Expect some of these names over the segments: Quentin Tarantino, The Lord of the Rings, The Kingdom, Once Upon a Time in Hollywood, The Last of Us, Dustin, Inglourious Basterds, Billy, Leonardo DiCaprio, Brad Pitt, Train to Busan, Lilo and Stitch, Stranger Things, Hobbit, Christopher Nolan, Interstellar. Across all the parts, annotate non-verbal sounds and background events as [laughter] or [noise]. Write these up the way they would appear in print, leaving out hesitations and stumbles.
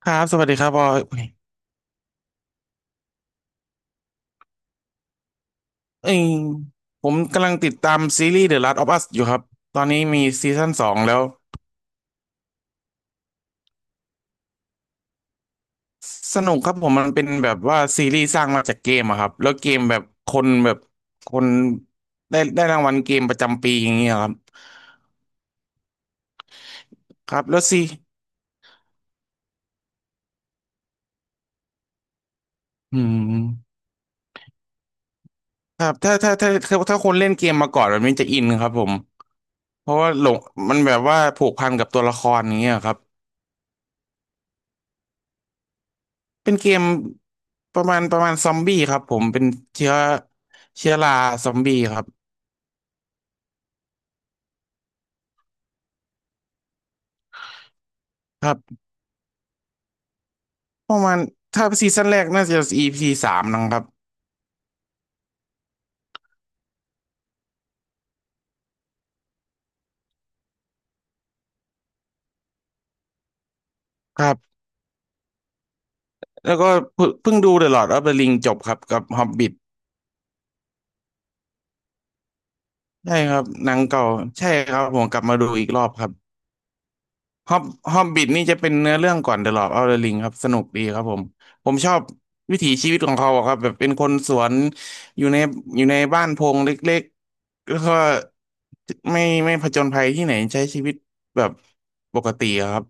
ครับสวัสดีครับบอยเอ้ยผมกำลังติดตามซีรีส์ The Last of Us อยู่ครับ ตอนนี้มีซีซั่นสองแล้ว สนุกครับผมมันเป็นแบบว่าซีรีส์สร้างมาจากเกมอะครับแล้วเกมแบบคนแบบคนได้รางวัลเกมประจำปีอย่างเงี้ยครับ ครับแล้วซีอืมครับถ้าคนเล่นเกมมาก่อนแบบนี้จะอินครับผม เพราะว่าหลงมันแบบว่าผูกพันกับตัวละครอย่างเงี้ยครับ เป็นเกมประมาณซอมบี้ครับผมเป็นเชื้อเชื้อราซอมบี้ครับครับประมาณถ้าซีซั่นแรกน่าจะ EP สามนะครับครับแล้วก็เพิ่งดู The Lord of the Ring จบครับกับ Hobbit ใช่ครับหนังเก่าใช่ครับผมกลับมาดูอีกรอบครับ ฮอบฮอบบิทนี่จะเป็นเนื้อเรื่องก่อนเดอะลอ d ์ออฟเดอะริงครับสนุกดีครับผมผมชอบวิถีชีวิตของเขาอะครับแบบเป็นคนสวนอยู่ในอยู่ในบ้านโพงเล็กๆแล้วก็ไม่ผจญภัยที่ไหนใช้ชีวิตแบบปกติอะครับ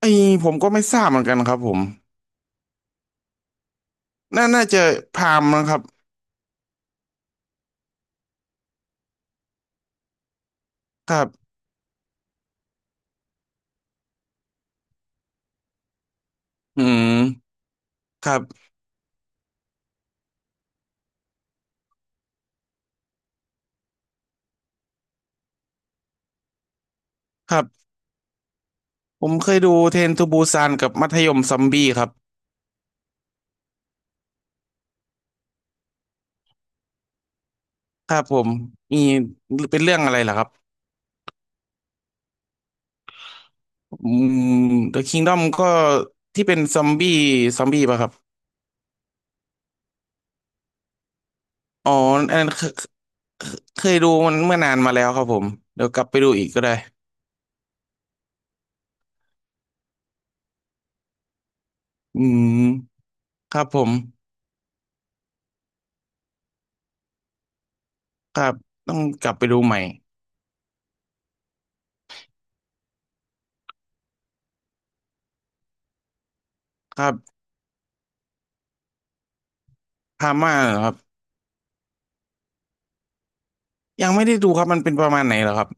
ไอ้ผมก็ไม่ทราบเหมือนกันครับผมน่าจะพามนะครับครับอืมครับครับผมเคยดูเทรนทูบูซานกับมัธยมซอมบี้ครับครับผมมีเป็นเรื่องอะไรลหรอครับ อืม The Kingdom ก็ที่เป็นซอมบี้ซอมบี้ป่ะครับอ๋ออันนั้นเคยดูมันเมื่อนานมาแล้วครับผมเดี๋ยวกลับไปดูอีกก็ได้อืมครับผมครับต้องกลับไปดูใหม่ครับพาม่าเหรอครับยังไม่ได้ดูครับมันเป็นประมาณไหนเหรอครับ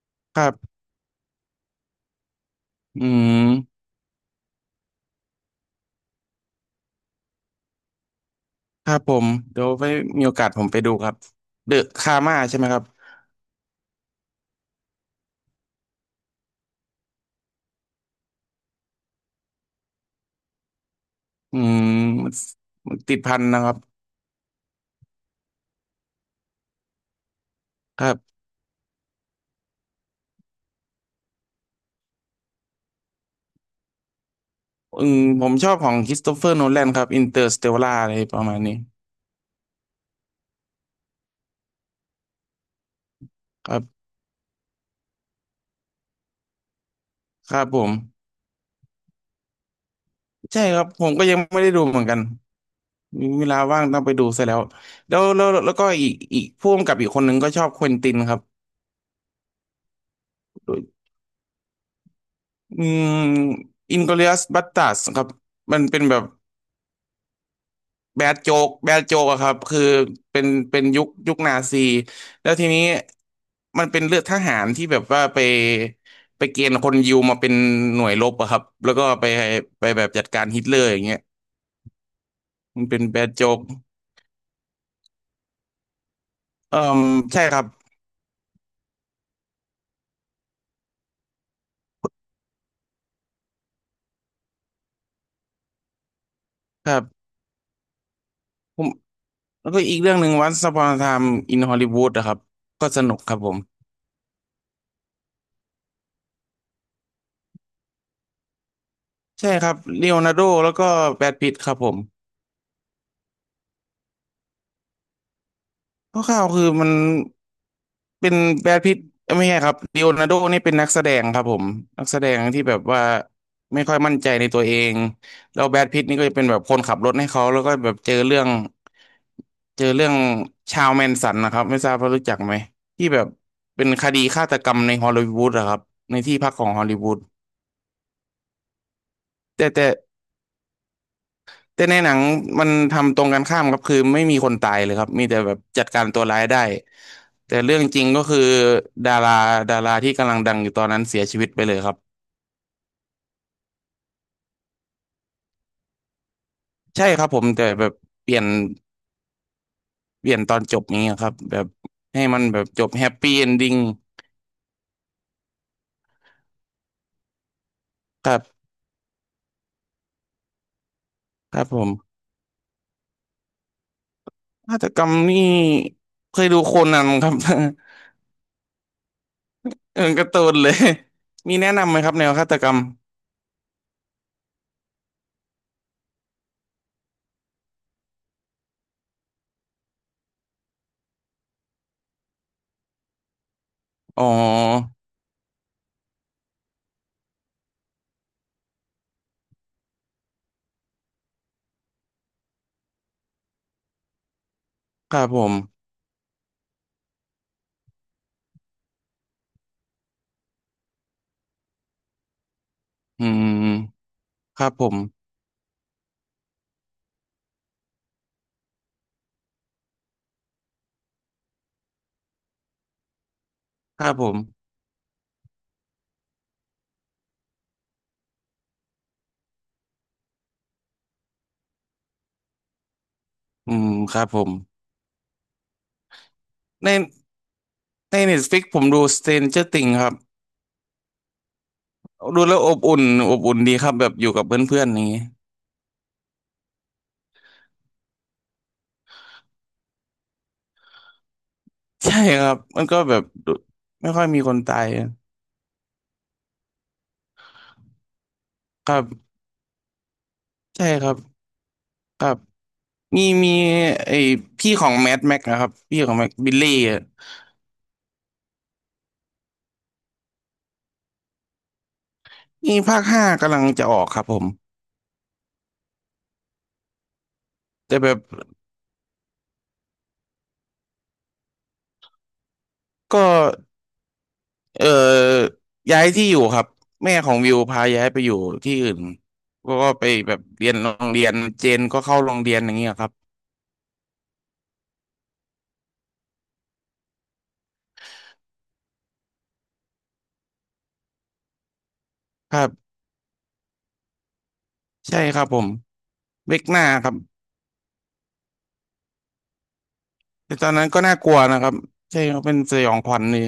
[coughs] ครับอืมครับผมเดี๋ยวไปมีโอกาสผมไปดูครับเดอะคาม่าใช่ไหมครับอืมมันติดพันนะครับครับ อืมผมชอบของค h ิสโตเฟอร์โนแลนครับอินเตอร์สเตลล่าอะไรประมาณนี้ครับครับผมใช่ครับผมก็ยังไม่ได้ดูเหมือนกันมีเวลาว่างต้องไปดูซะแล้วแล้วก็อีกพ่วงกับอีกคนหนึ่งก็ชอบเควินตินครับอืมอินกลอริอัสบัสตาร์ดครับมันเป็นแบบ แบดโจกอะครับคือเป็นเป็นยุคนาซีแล้วทีนี้มันเป็นเลือดทหารที่แบบว่าไปเกณฑ์คนยิวมาเป็นหน่วยรบอะครับแล้วก็ไปแบบจัดการฮิตเลอร์อย่างเงี้ยมันเป็นแบดโจกเอ่มใช่ครับครับผมแล้วก็อีกเรื่องหนึ่งวันส Upon a Time in Hollywood อะครับก็สนุกครับผมใช่ครับเลโอนาร์โดแล้วก็แบรดพิตต์ครับผม คร่าวๆคือมันเป็นแบรดพิตต์เอ้ยไม่ใช่ครับลีโอนาร์โดนี่เป็นนักแสดงครับผมนักแสดงที่แบบว่าไม่ค่อยมั่นใจในตัวเองแล้วแบรดพิตต์นี่ก็จะเป็นแบบคนขับรถให้เขาแล้วก็แบบเจอเรื่องเจอเรื่องชาวแมนสันนะครับไม่ทราบว่ารู้จักไหมที่แบบเป็นคดีฆาตกรรมในฮอลลีวูดอะครับในที่พักของฮอลลีวูดแต่ แต่ในหนังมันทำตรงกันข้ามครับคือไม่มีคนตายเลยครับมีแต่แบบจัดการตัวร้ายได้แต่เรื่องจริงก็คือดาราดาราที่กำลังดังอยู่ตอนนั้นเสียชีวิตไปเลยครับใช่ครับผมแต่แบบเปลี่ยนเปลี่ยนตอนจบนี้ครับแบบให้มันแบบจบแฮปปี้เอนดิ้งครับครับผมฆาตกรรมนี่เคยดูโคนันครับ [laughs] เออการ์ตูนเลยมีแนะนำไหมครับแนวฆาตกรรมอ๋อครับผมอืมครับผมครับผม อืมครับผมในใน Netflix ผมดู Stranger Things ครับดูแล้วอบอุ่นอบอุ่นดีครับแบบอยู่กับเพื่อนๆอย่างนี้ใช่ครับมันก็แบบดูไม่ค่อยมีคนตายครับใช่ครับครับมีไอพี่ของแม d แม็กนะครับพี่ของแม็กบิลลี่อะนี่ภาคห้ากำลังจะออกครับผมแต่แบบก็เอ่อย้ายที่อยู่ครับแม่ของวิวพาย้ายไปอยู่ที่อื่นก็ไปแบบเรียนโรงเรียนเจนก็เข้าโรงเรียนอย่างเงี้ยครับครับ ใช่ครับผมเวกหน้าครับแต่ตอนนั้นก็น่ากลัวนะครับใช่ครับเป็นสยองขวัญนี่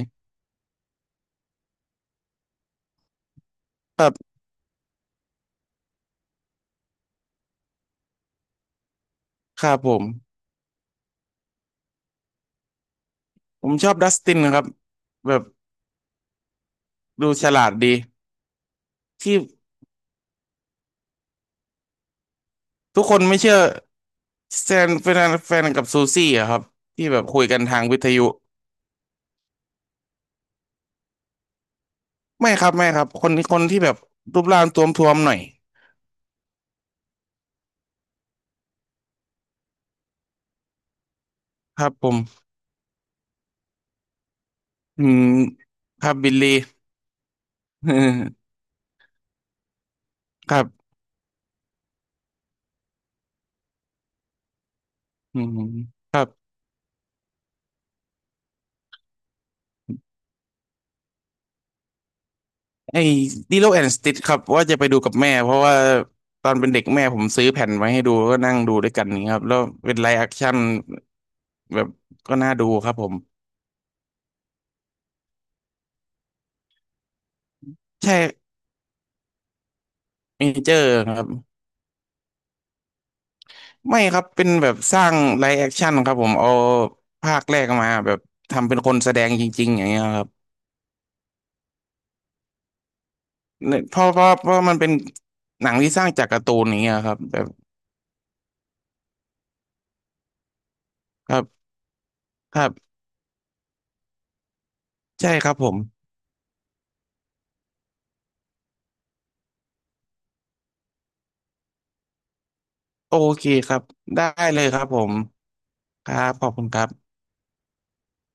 ครับครับผมผมชอบดัสตินนะครับแบบดูฉลาดดีที่ทุกคนไม่เชื่อแซนเป็นแฟนกับซูซี่อะครับที่แบบคุยกันทางวิทยุไม่ครับไม่ครับคนที่แบบรูปร่างท้วมๆหน่อยครับผมอืมครับบิลลี่ [laughs] ครับอืม ไอ้ดิโลแอนด์สติทครับว่าจะไปดูกับแม่เพราะว่าตอนเป็นเด็กแม่ผมซื้อแผ่นไว้ให้ดูก็นั่งดูด้วยกันนี่างเงี้ยครับแล้วเป็นไลฟ์แอคชั่นแบบก็น่าดูครับผมใช่เมเจอร์ครับไม่ครับเป็นแบบสร้างไลฟ์แอคชั่นครับผมเอาภาคแรกมาแบบทำเป็นคนแสดงจริงๆอย่างเงี้ยครับเนี่ยเพราะมันเป็นหนังที่สร้างจากการ์ตูนอย่างเงี้ยครับแบบครับครับใช่ครับผมโอเคครับได้เลยครับผมครับขอบคุณครับ